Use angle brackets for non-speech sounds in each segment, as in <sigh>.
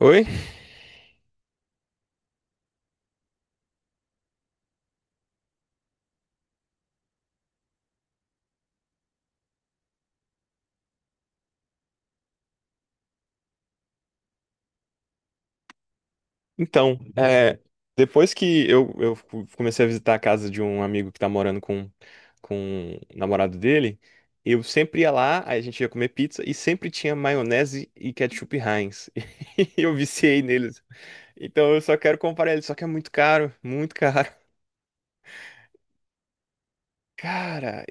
Oi? Então, depois que eu comecei a visitar a casa de um amigo que tá morando com o namorado dele, eu sempre ia lá, aí a gente ia comer pizza e sempre tinha maionese e ketchup Heinz. <laughs> E eu viciei neles. Então eu só quero comprar eles, só que é muito caro, muito caro. Cara,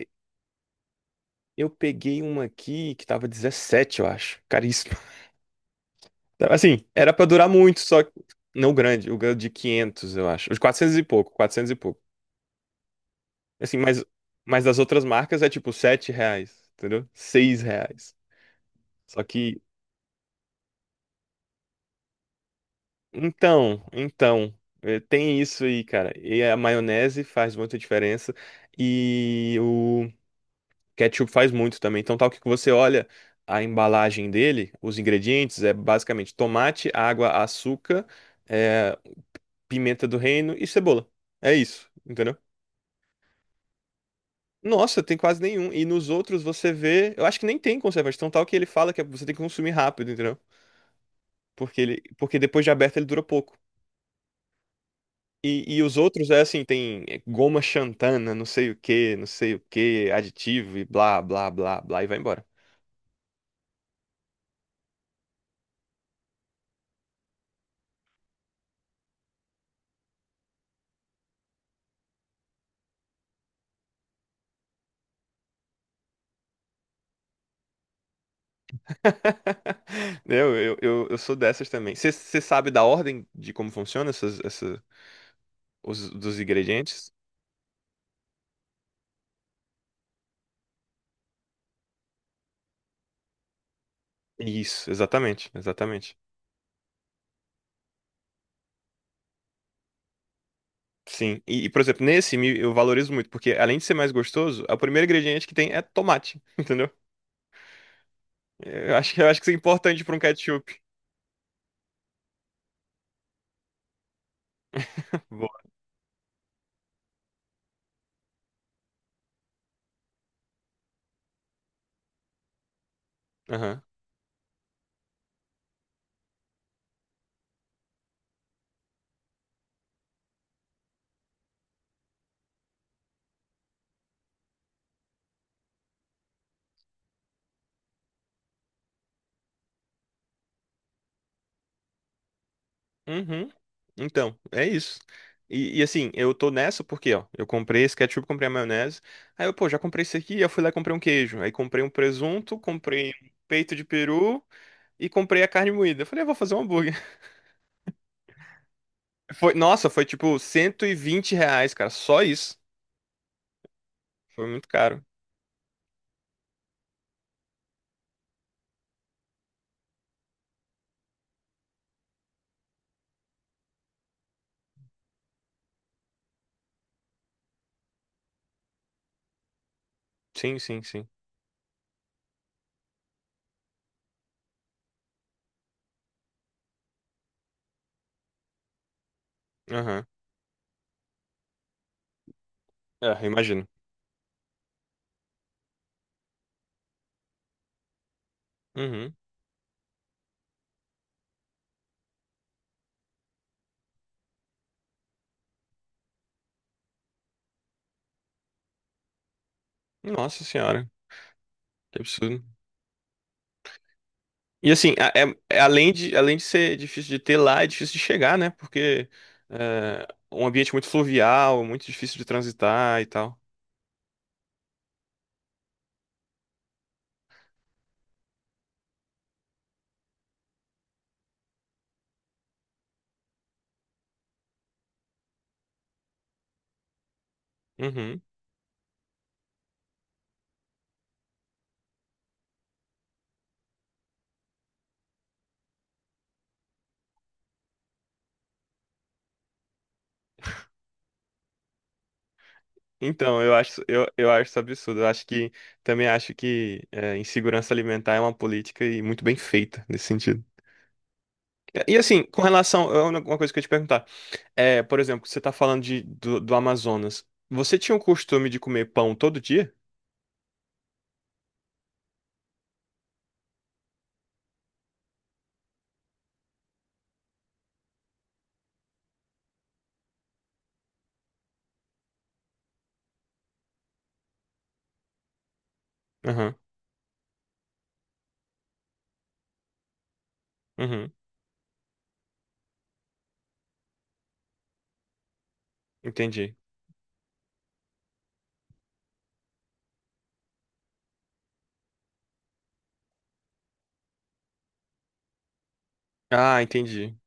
eu peguei uma aqui que tava 17, eu acho. Caríssimo. Assim, era pra durar muito, só que não. O grande, o grande de 500, eu acho. Os quatrocentos e pouco, 400 e pouco. Assim, mas das outras marcas é tipo 7 reais, entendeu? Seis reais. Só que, então, tem isso aí, cara. E a maionese faz muita diferença. E o ketchup faz muito também. Então, tal que você olha a embalagem dele, os ingredientes é basicamente tomate, água, açúcar, eh, pimenta do reino e cebola. É isso, entendeu? Nossa, tem quase nenhum. E nos outros você vê. Eu acho que nem tem conservante. Então, tal que ele fala que é, você tem que consumir rápido, entendeu? Porque porque depois de aberto ele dura pouco. E os outros é assim, tem é, goma xantana, não sei o que, não sei o que, aditivo e blá, blá, blá, blá, e vai embora. <laughs> Eu sou dessas também. Você sabe da ordem de como funciona dos ingredientes? Isso, exatamente, exatamente. Sim. Por exemplo, nesse eu valorizo muito, porque além de ser mais gostoso, é o primeiro ingrediente que tem é tomate, <laughs> entendeu? Eu acho, eu acho que isso é importante para um ketchup. <laughs> Boa. Aham. Uhum. Então, é isso. Assim, eu tô nessa porque, ó, eu comprei esse ketchup, comprei a maionese. Aí eu, pô, já comprei isso aqui, aí eu fui lá e comprei um queijo. Aí comprei um presunto, comprei um peito de peru e comprei a carne moída. Eu falei, eu vou fazer um hambúrguer. <laughs> Foi, nossa, foi tipo 120 reais, cara, só isso. Foi muito caro. Sim, sim, sim. Aham. É, eu imagino. Uhum. Nossa senhora, que absurdo. E assim, é além de ser difícil de ter lá, é difícil de chegar, né? Porque é um ambiente muito fluvial, muito difícil de transitar e tal. Uhum. Então, eu acho, eu acho isso absurdo. Eu acho que também acho insegurança alimentar é uma política e muito bem feita nesse sentido. E assim, com relação, é uma coisa que eu ia te perguntar. É, por exemplo, você tá falando do Amazonas. Você tinha o costume de comer pão todo dia? Aham. Uhum. Entendi. Ah, entendi.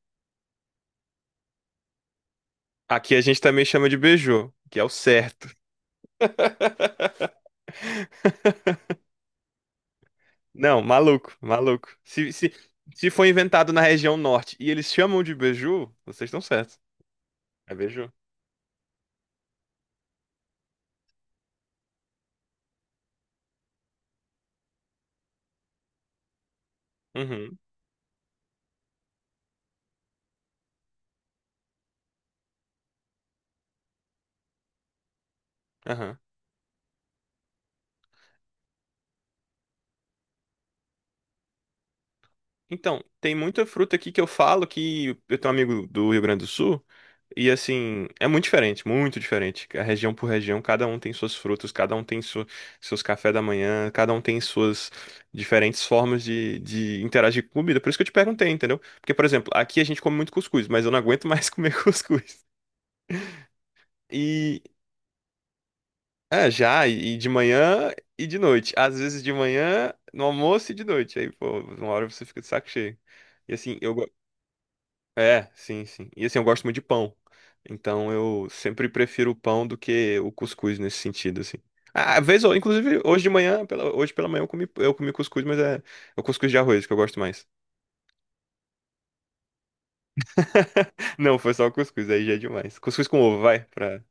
Aqui a gente também chama de beijô, que é o certo. <laughs> Não, maluco, maluco. Se foi inventado na região norte e eles chamam de beiju, vocês estão certos. É beiju. Uhum, aham. Então, tem muita fruta aqui que eu falo que eu tenho um amigo do Rio Grande do Sul e assim, é muito diferente, muito diferente. A região por região, cada um tem suas frutas, cada um tem seus cafés da manhã, cada um tem suas diferentes formas de interagir com comida. Por isso que eu te perguntei, entendeu? Porque, por exemplo, aqui a gente come muito cuscuz, mas eu não aguento mais <laughs> comer cuscuz. E é, já, e de manhã e de noite. Às vezes de manhã, no almoço e de noite. Aí, pô, uma hora você fica de saco cheio. E assim, eu, É, sim, sim. E assim, eu gosto muito de pão. Então eu sempre prefiro o pão do que o cuscuz nesse sentido, assim. Ah, às vezes, inclusive, hoje de manhã, hoje pela manhã eu comi cuscuz, é o cuscuz de arroz que eu gosto mais. <laughs> Não, foi só o cuscuz, aí já é demais. Cuscuz com ovo, vai, pra...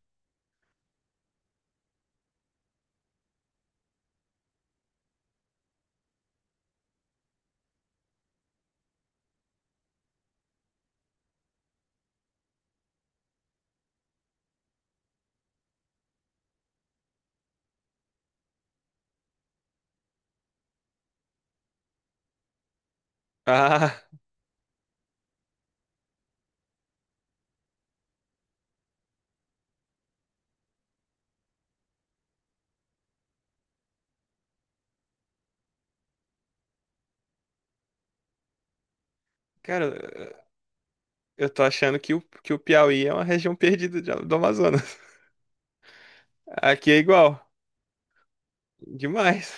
<laughs> Ah, cara, eu tô achando que que o Piauí é uma região perdida do Amazonas. Aqui é igual, demais.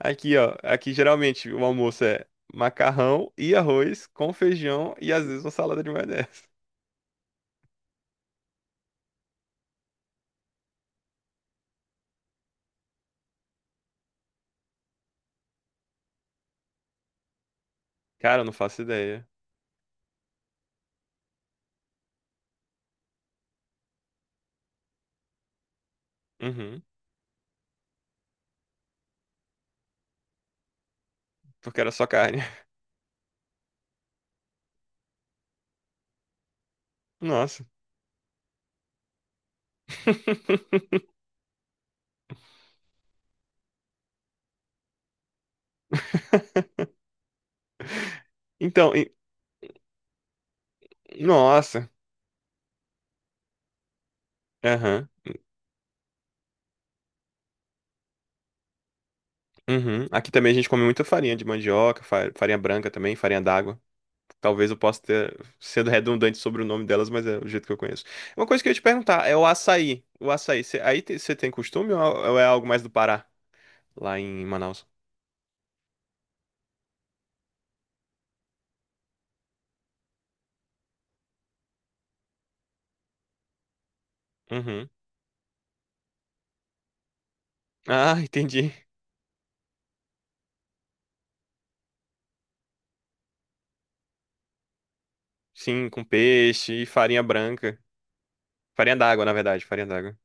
Aqui, ó, aqui geralmente o almoço é macarrão e arroz com feijão e às vezes uma salada de maionese. Cara, eu não faço ideia. Uhum, porque era só carne. Nossa. <laughs> Então, e- nossa. Aham. Uhum. Aqui também a gente come muita farinha de mandioca, farinha branca também, farinha d'água. Talvez eu possa ter sendo redundante sobre o nome delas, mas é o jeito que eu conheço. Uma coisa que eu ia te perguntar é o açaí. O açaí, você tem costume ou é algo mais do Pará? Lá em Manaus. Uhum. Ah, <laughs> entendi. Sim, com peixe e farinha branca. Farinha d'água, na verdade, farinha d'água.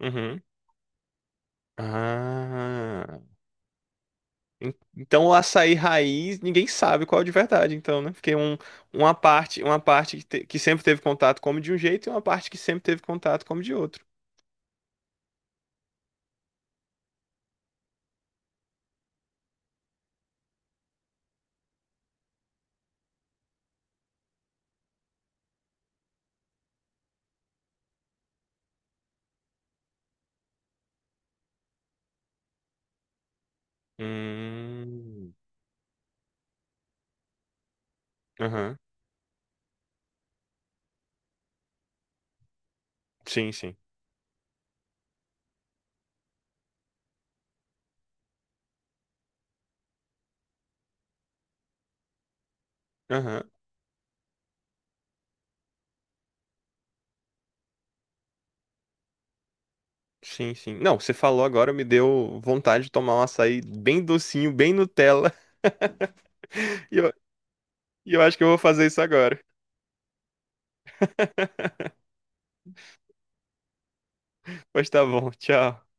Uhum. Ah, então o açaí raiz, ninguém sabe qual é o de verdade, então, né? Porque um, uma parte, que sempre teve contato come de um jeito e uma parte que sempre teve contato come de outro. Hum. Aham. Sim, sim. Aham. Sim, sim. Não, você falou agora, me deu vontade de tomar um açaí bem docinho, bem Nutella. <laughs> E eu E eu acho que eu vou fazer isso agora. <laughs> Pois tá bom, tchau.